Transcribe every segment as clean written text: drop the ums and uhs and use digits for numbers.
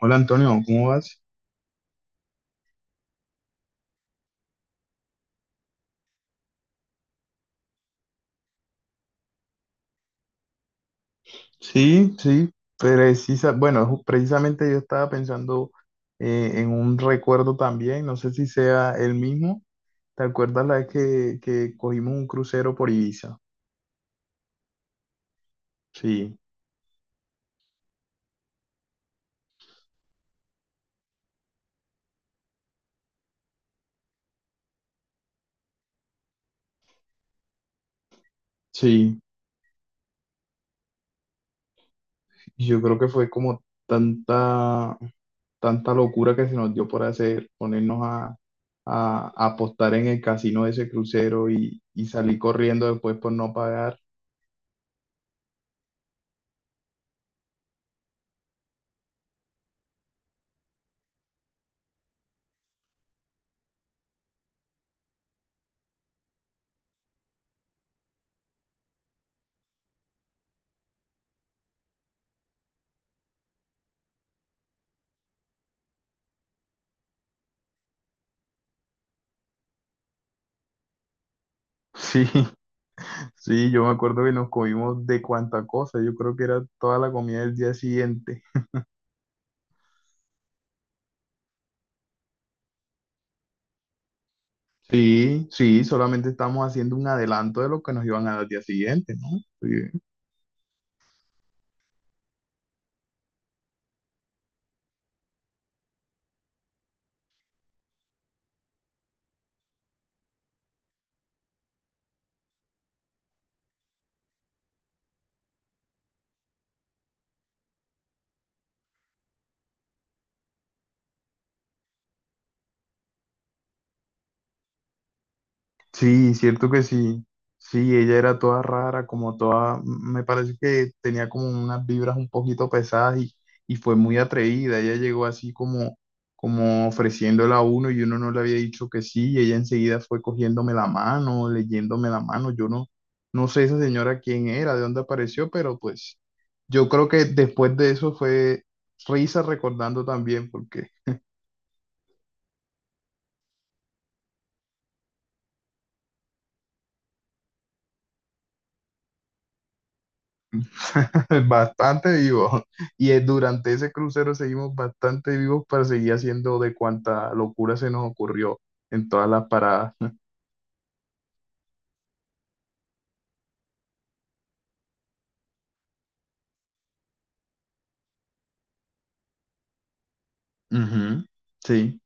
Hola Antonio, ¿cómo vas? Sí, sí, bueno, precisamente yo estaba pensando, en un recuerdo también, no sé si sea el mismo. ¿Te acuerdas la vez que cogimos un crucero por Ibiza? Sí, sí, yo creo que fue como tanta, tanta locura que se nos dio por hacer, ponernos a apostar en el casino de ese crucero y salir corriendo después por no pagar. Sí. Sí, yo me acuerdo que nos comimos de cuánta cosa, yo creo que era toda la comida del día siguiente. Sí, sí, solamente estamos haciendo un adelanto de lo que nos iban a dar al día siguiente, ¿no? Sí. Sí, cierto que sí. Sí, ella era toda rara, como toda, me parece que tenía como unas vibras un poquito pesadas y fue muy atrevida. Ella llegó así como ofreciéndola a uno y uno no le había dicho que sí y ella enseguida fue cogiéndome la mano, leyéndome la mano. Yo no, no sé esa señora quién era, de dónde apareció, pero pues yo creo que después de eso fue risa recordando también porque... Bastante vivos. Y durante ese crucero seguimos bastante vivos para seguir haciendo de cuanta locura se nos ocurrió en todas las paradas. Ujú. Sí,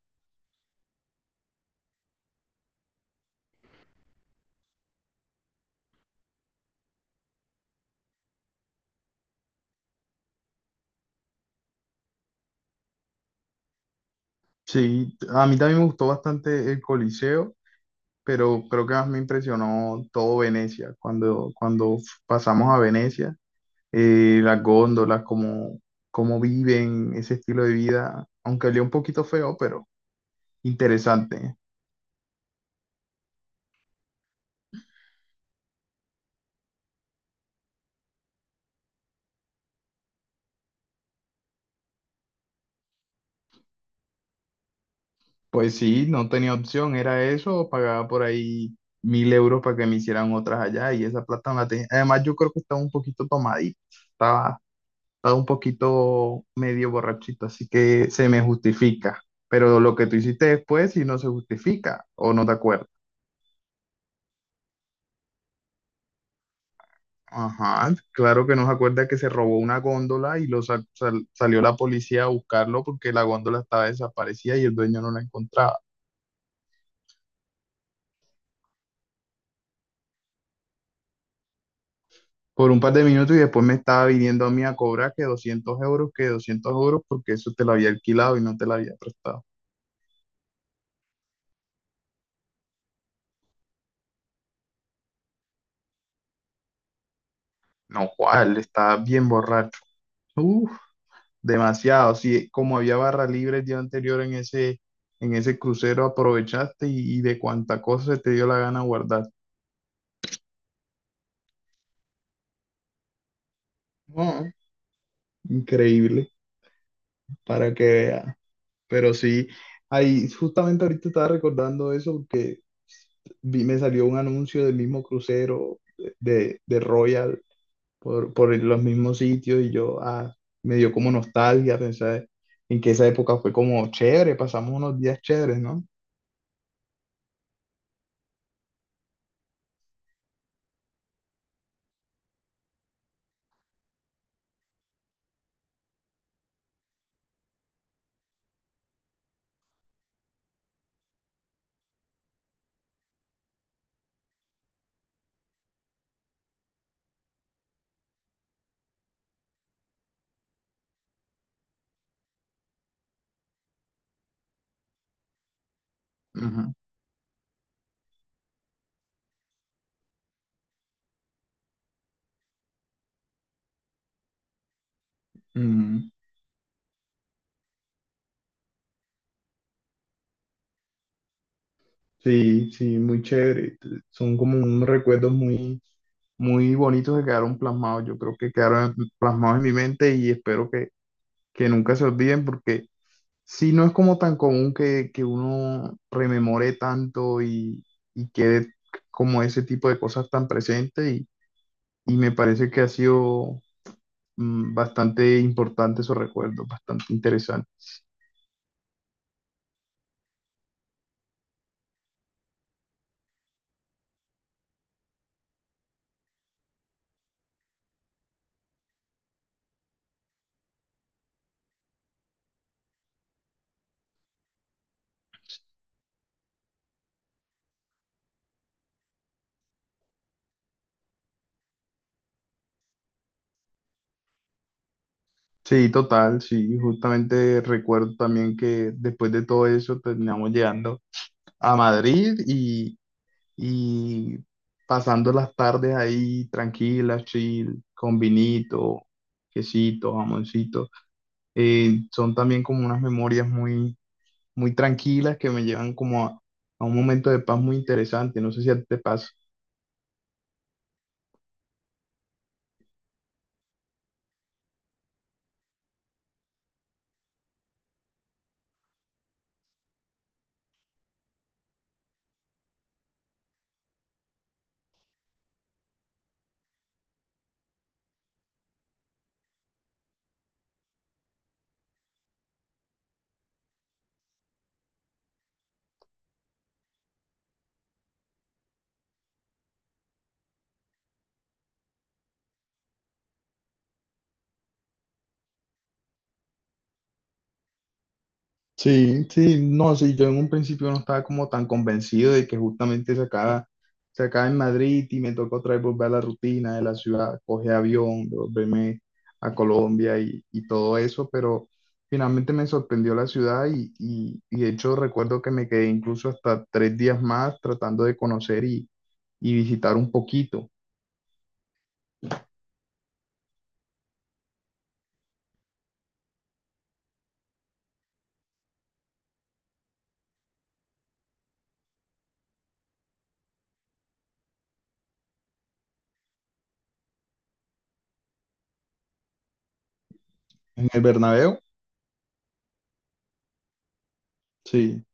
sí. A mí también me gustó bastante el Coliseo, pero creo que más me impresionó todo Venecia. Cuando pasamos a Venecia, las góndolas, cómo viven, ese estilo de vida, aunque olía un poquito feo, pero interesante. Pues sí, no tenía opción, era eso, o pagaba por ahí 1.000 euros para que me hicieran otras allá y esa plata no la tenía. Además, yo creo que estaba un poquito tomadito, estaba, estaba un poquito medio borrachito, así que se me justifica. Pero lo que tú hiciste después, si no se justifica o no te acuerdas. Ajá, claro que no se acuerda que se robó una góndola y lo salió la policía a buscarlo porque la góndola estaba desaparecida y el dueño no la encontraba. Por un par de minutos y después me estaba viniendo a mí a cobrar que 200 euros, que 200 euros, porque eso te lo había alquilado y no te lo había prestado. No, Juan, estaba bien borracho. Uf, demasiado. Sí, como había barra libre el día anterior en ese crucero, aprovechaste y de cuánta cosa se te dio la gana guardar. No, increíble, para que vea. Pero sí, ahí justamente ahorita estaba recordando eso porque vi, me salió un anuncio del mismo crucero de Royal por los mismos sitios y yo, ah, me dio como nostalgia pensar en que esa época fue como chévere, pasamos unos días chéveres, ¿no? Ujú. Ujú. Sí, sí, muy chévere. Son como unos recuerdos muy, muy bonitos que quedaron plasmados. Yo creo que quedaron plasmados en mi mente y espero que nunca se olviden porque sí, no es como tan común que uno rememore tanto y quede como ese tipo de cosas tan presentes y me parece que ha sido, bastante importante esos recuerdos, bastante interesante. Sí, total, sí, justamente recuerdo también que después de todo eso terminamos llegando a Madrid y pasando las tardes ahí tranquilas, chill, con vinito, quesito, jamoncito. Son también como unas memorias muy, muy tranquilas que me llevan como a un momento de paz muy interesante. No sé si a ti te pasa. Sí, sí, no, sí, yo en un principio no estaba como tan convencido de que justamente se acaba en Madrid y me tocó otra vez volver a la rutina de la ciudad, coger avión, volverme a Colombia y todo eso, pero finalmente me sorprendió la ciudad y de hecho recuerdo que me quedé incluso hasta 3 días más tratando de conocer y visitar un poquito. En el Bernabéu, sí.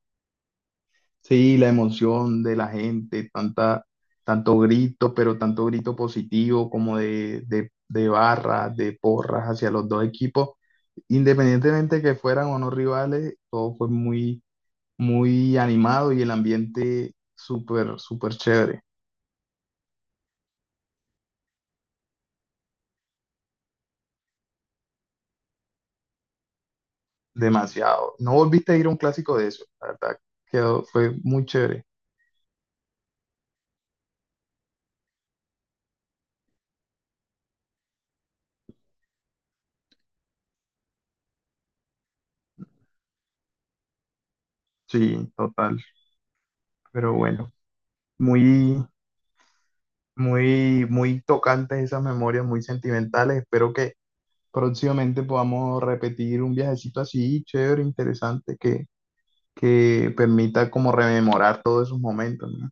Sí, la emoción de la gente, tanta, tanto grito, pero tanto grito positivo como de barras, de porras hacia los dos equipos, independientemente que fueran o no rivales, todo fue muy, muy animado y el ambiente súper, súper chévere, demasiado. No volviste a ir a un clásico de eso, la verdad, quedó, fue muy chévere. Sí, total, pero bueno, muy, muy, muy tocantes esas memorias, muy sentimentales, espero que próximamente podamos repetir un viajecito así, chévere, interesante, que permita como rememorar todos esos momentos, ¿no?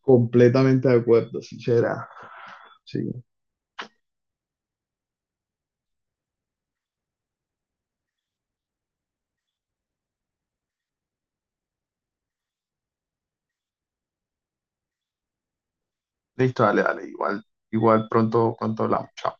Completamente de acuerdo, sincera. Sí. Listo, dale, dale. Igual pronto hablamos. Chao.